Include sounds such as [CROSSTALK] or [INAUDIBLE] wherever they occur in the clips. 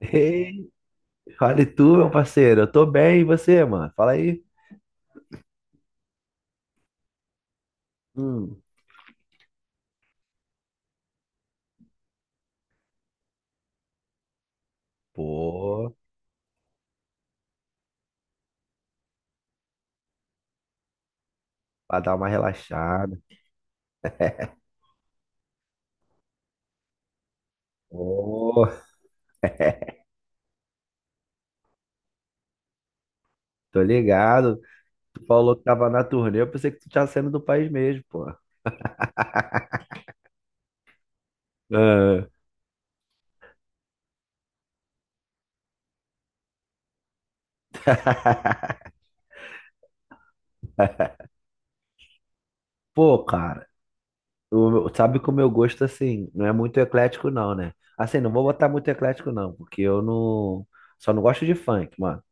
Ei, fale tu, meu parceiro. Eu tô bem, e você, mano? Fala aí. Hum. Pô, pra dar uma relaxada. Pô, [LAUGHS] tô ligado. Tu falou que tava na turnê, eu pensei que tu tinha saindo do país mesmo, pô. Ah. [LAUGHS] Pô, cara, sabe que o meu gosto, assim, não é muito eclético, não, né? Assim, não vou botar muito eclético, não, porque eu não. Só não gosto de funk, mano.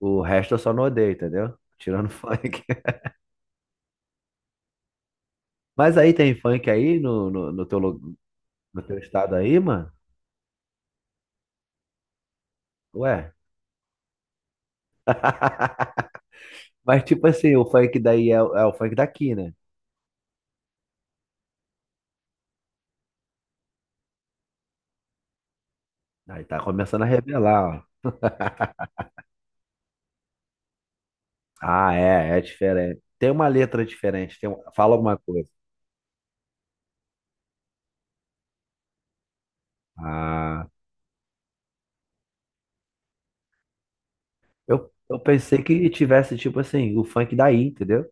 O resto eu só não odeio, entendeu? Tirando [LAUGHS] funk. Mas aí tem funk aí no teu lugar? No teu estado aí, mano? Ué. [LAUGHS] Mas tipo assim, o funk daí é o funk daqui, né? Aí tá começando a revelar, ó. Ah, é diferente. Tem uma letra diferente, fala alguma coisa. Ah, eu pensei que tivesse, tipo assim, o funk daí, entendeu?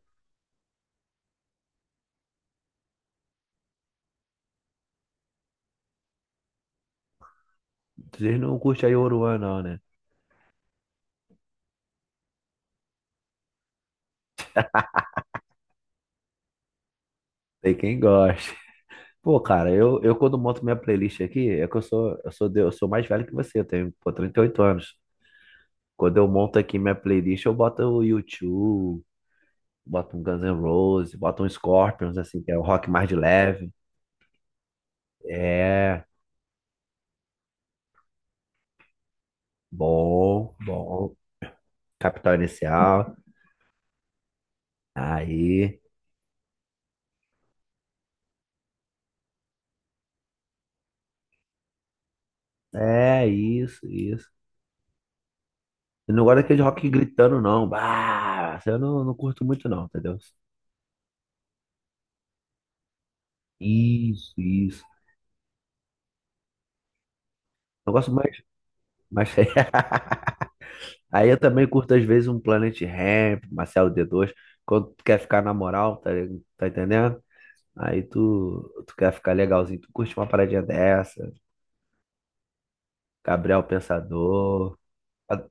Vocês não curtem aí Oruan, não, né? Tem quem gosta. [LAUGHS] Pô, cara, eu quando monto minha playlist aqui, é que eu sou mais velho que você, eu tenho, pô, 38 anos. Quando eu monto aqui minha playlist, eu boto o YouTube, bota um Guns N' Roses, bota um Scorpions, assim, que é o rock mais de leve. É, bom, bom. Capital Inicial. Aí, é isso, isso. Eu não gosto daquele rock gritando, não. Bah, eu não curto muito, não, entendeu? Isso, isso. Eu gosto mais. [LAUGHS] Aí eu também curto, às vezes, um Planet Hemp, Marcelo D2, quando tu quer ficar na moral, tá, tá entendendo? Aí tu quer ficar legalzinho, tu curte uma paradinha dessa. Gabriel Pensador. Pra-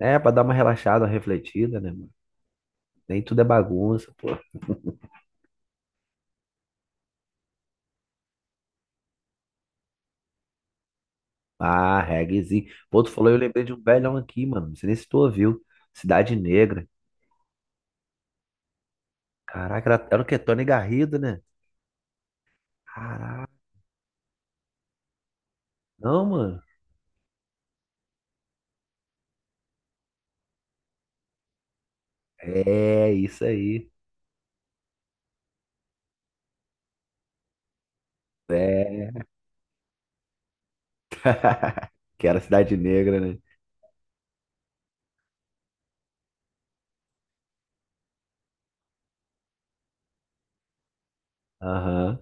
É, pra dar uma relaxada, uma refletida, né, mano? Nem tudo é bagunça, pô. Ah, reggaezinho. Pô, tu falou, eu lembrei de um velhão aqui, mano. Não sei nem se tu ouviu. Cidade Negra. Caraca, era o quê? Tony Garrido, né? Caraca. Não, mano. É, isso aí. É. [LAUGHS] Que era Cidade Negra, né? Aham.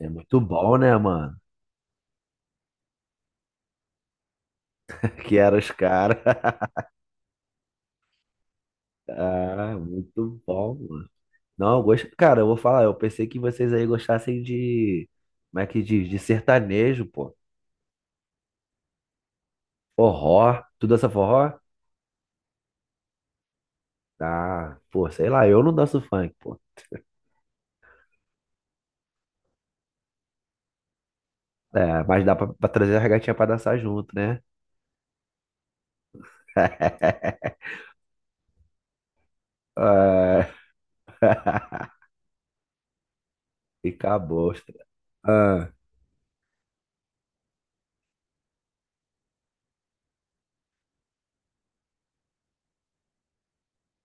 É muito bom, né, mano? [LAUGHS] Que era os caras. [LAUGHS] Ah, muito bom, mano. Não, eu gosto. Cara, eu vou falar, eu pensei que vocês aí gostassem de. Como é que diz? De sertanejo, pô. Forró. Tu dança forró? Ah, pô, sei lá, eu não danço funk, pô. É, mas dá pra trazer as gatinhas pra dançar junto, né? [LAUGHS] É. [LAUGHS] Fica a bosta. Ah.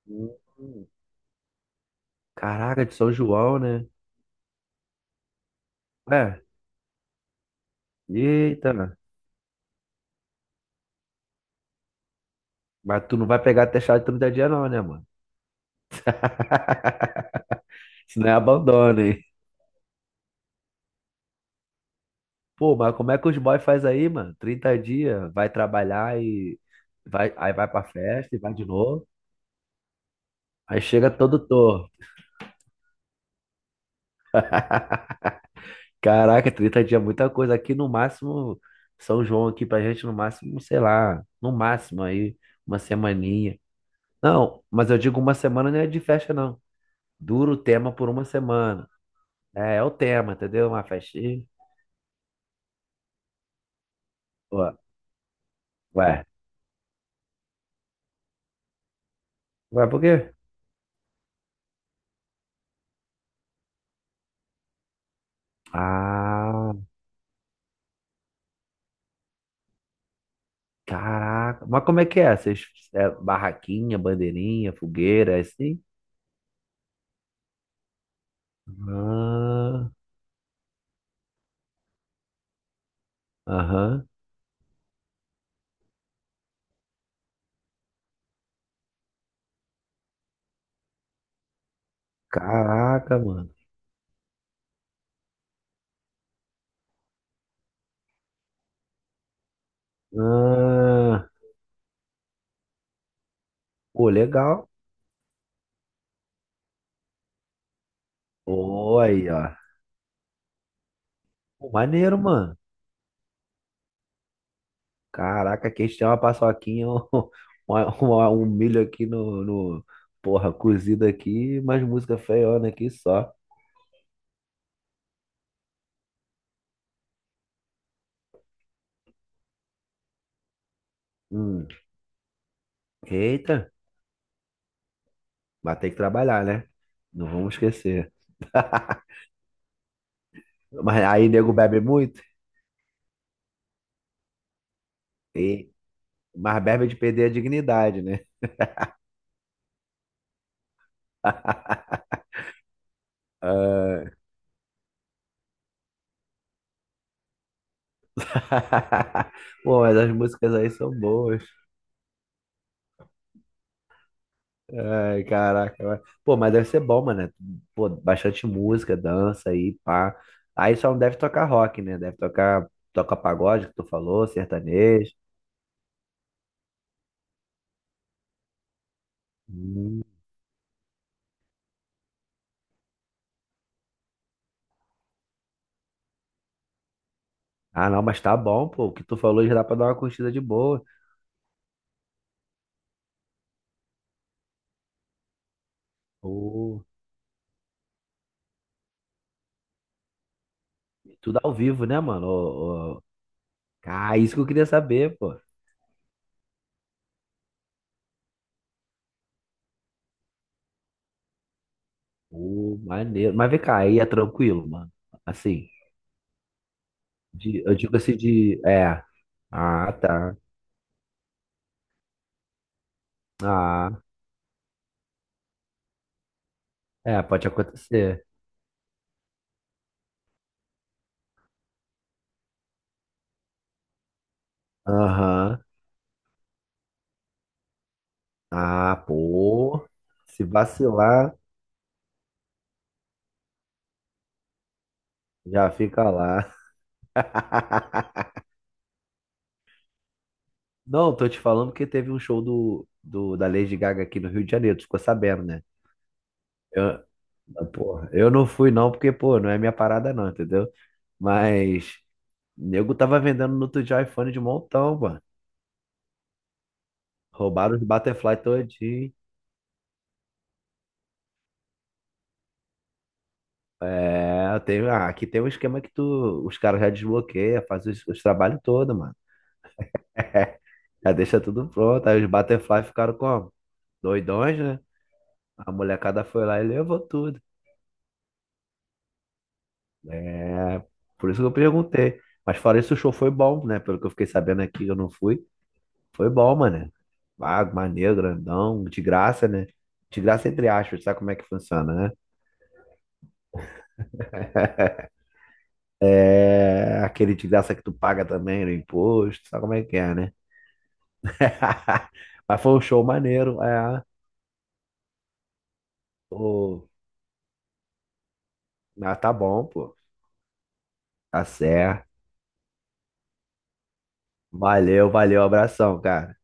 Hum. Caraca, de São João, né? É, eita, mas tu não vai pegar até chá de 30 dias, não, né, mano? [LAUGHS] Senão é abandono. Pô, mas como é que os boys faz aí, mano? 30 dias, vai trabalhar e vai, aí vai pra festa e vai de novo. Aí chega todo torto. [LAUGHS] Caraca, 30 dias é muita coisa. Aqui no máximo, São João aqui pra gente, no máximo, sei lá, no máximo aí, uma semaninha. Não, mas eu digo uma semana não é de festa, não. Dura o tema por uma semana. É, é o tema, entendeu? Uma festinha. Ué, ué, ué, por quê? Ah. Caraca. Mas como é que é? Vocês, é barraquinha, bandeirinha, fogueira, é assim? Ah, aham. Caraca, mano. Ah, pô, legal. Pô, aí, ó. Pô, maneiro, mano. Caraca, aqui a gente tem uma paçoquinha, um, [LAUGHS] um milho aqui Porra, cozido aqui, mais música feiona aqui só. Hum. Eita, vai ter que trabalhar, né? Não vamos esquecer. Mas aí, nego bebe muito? Mas Berba de perder a dignidade, né? Ah. [LAUGHS] Pô, mas as músicas aí são boas. Ai, caraca. Pô, mas deve ser bom, mano, né? Pô, bastante música, dança aí, pá. Aí só não deve tocar rock, né? Deve tocar, toca pagode, que tu falou, sertanejo. Hum. Ah, não, mas tá bom, pô. O que tu falou já dá pra dar uma curtida de boa. Pô, tudo ao vivo, né, mano? Ô, ô. Ah, isso que eu queria saber, pô. Pô, maneiro. Mas vem cá, aí é tranquilo, mano. Assim. De, eu digo assim de. É. Ah, tá. Ah, é, pode acontecer. Aham. Ah, pô. Se vacilar, já fica lá. [LAUGHS] Não, tô te falando que teve um show do, da Lady Gaga aqui no Rio de Janeiro, tu ficou sabendo, né? Eu, porra, eu não fui não, porque, pô, não é minha parada não, entendeu? Mas, nego tava vendendo no outro dia iPhone de montão, mano. Roubaram os Butterfly todinho. É, aqui tem um esquema que tu, os caras já desbloqueia, faz os trabalhos todos, mano. [LAUGHS] Já deixa tudo pronto. Aí os Butterfly ficaram como? Doidões, né? A molecada foi lá e levou tudo. É, por isso que eu perguntei. Mas fora isso, o show foi bom, né? Pelo que eu fiquei sabendo aqui, eu não fui. Foi bom, mano. Vago, maneiro, grandão, de graça, né? De graça entre aspas, sabe como é que funciona, né? [LAUGHS] É, aquele de graça que tu paga também no imposto, sabe como é que é, né? [LAUGHS] Mas foi um show maneiro, é. O. Ah, tá bom, pô. Tá certo. Valeu, valeu, abração, cara.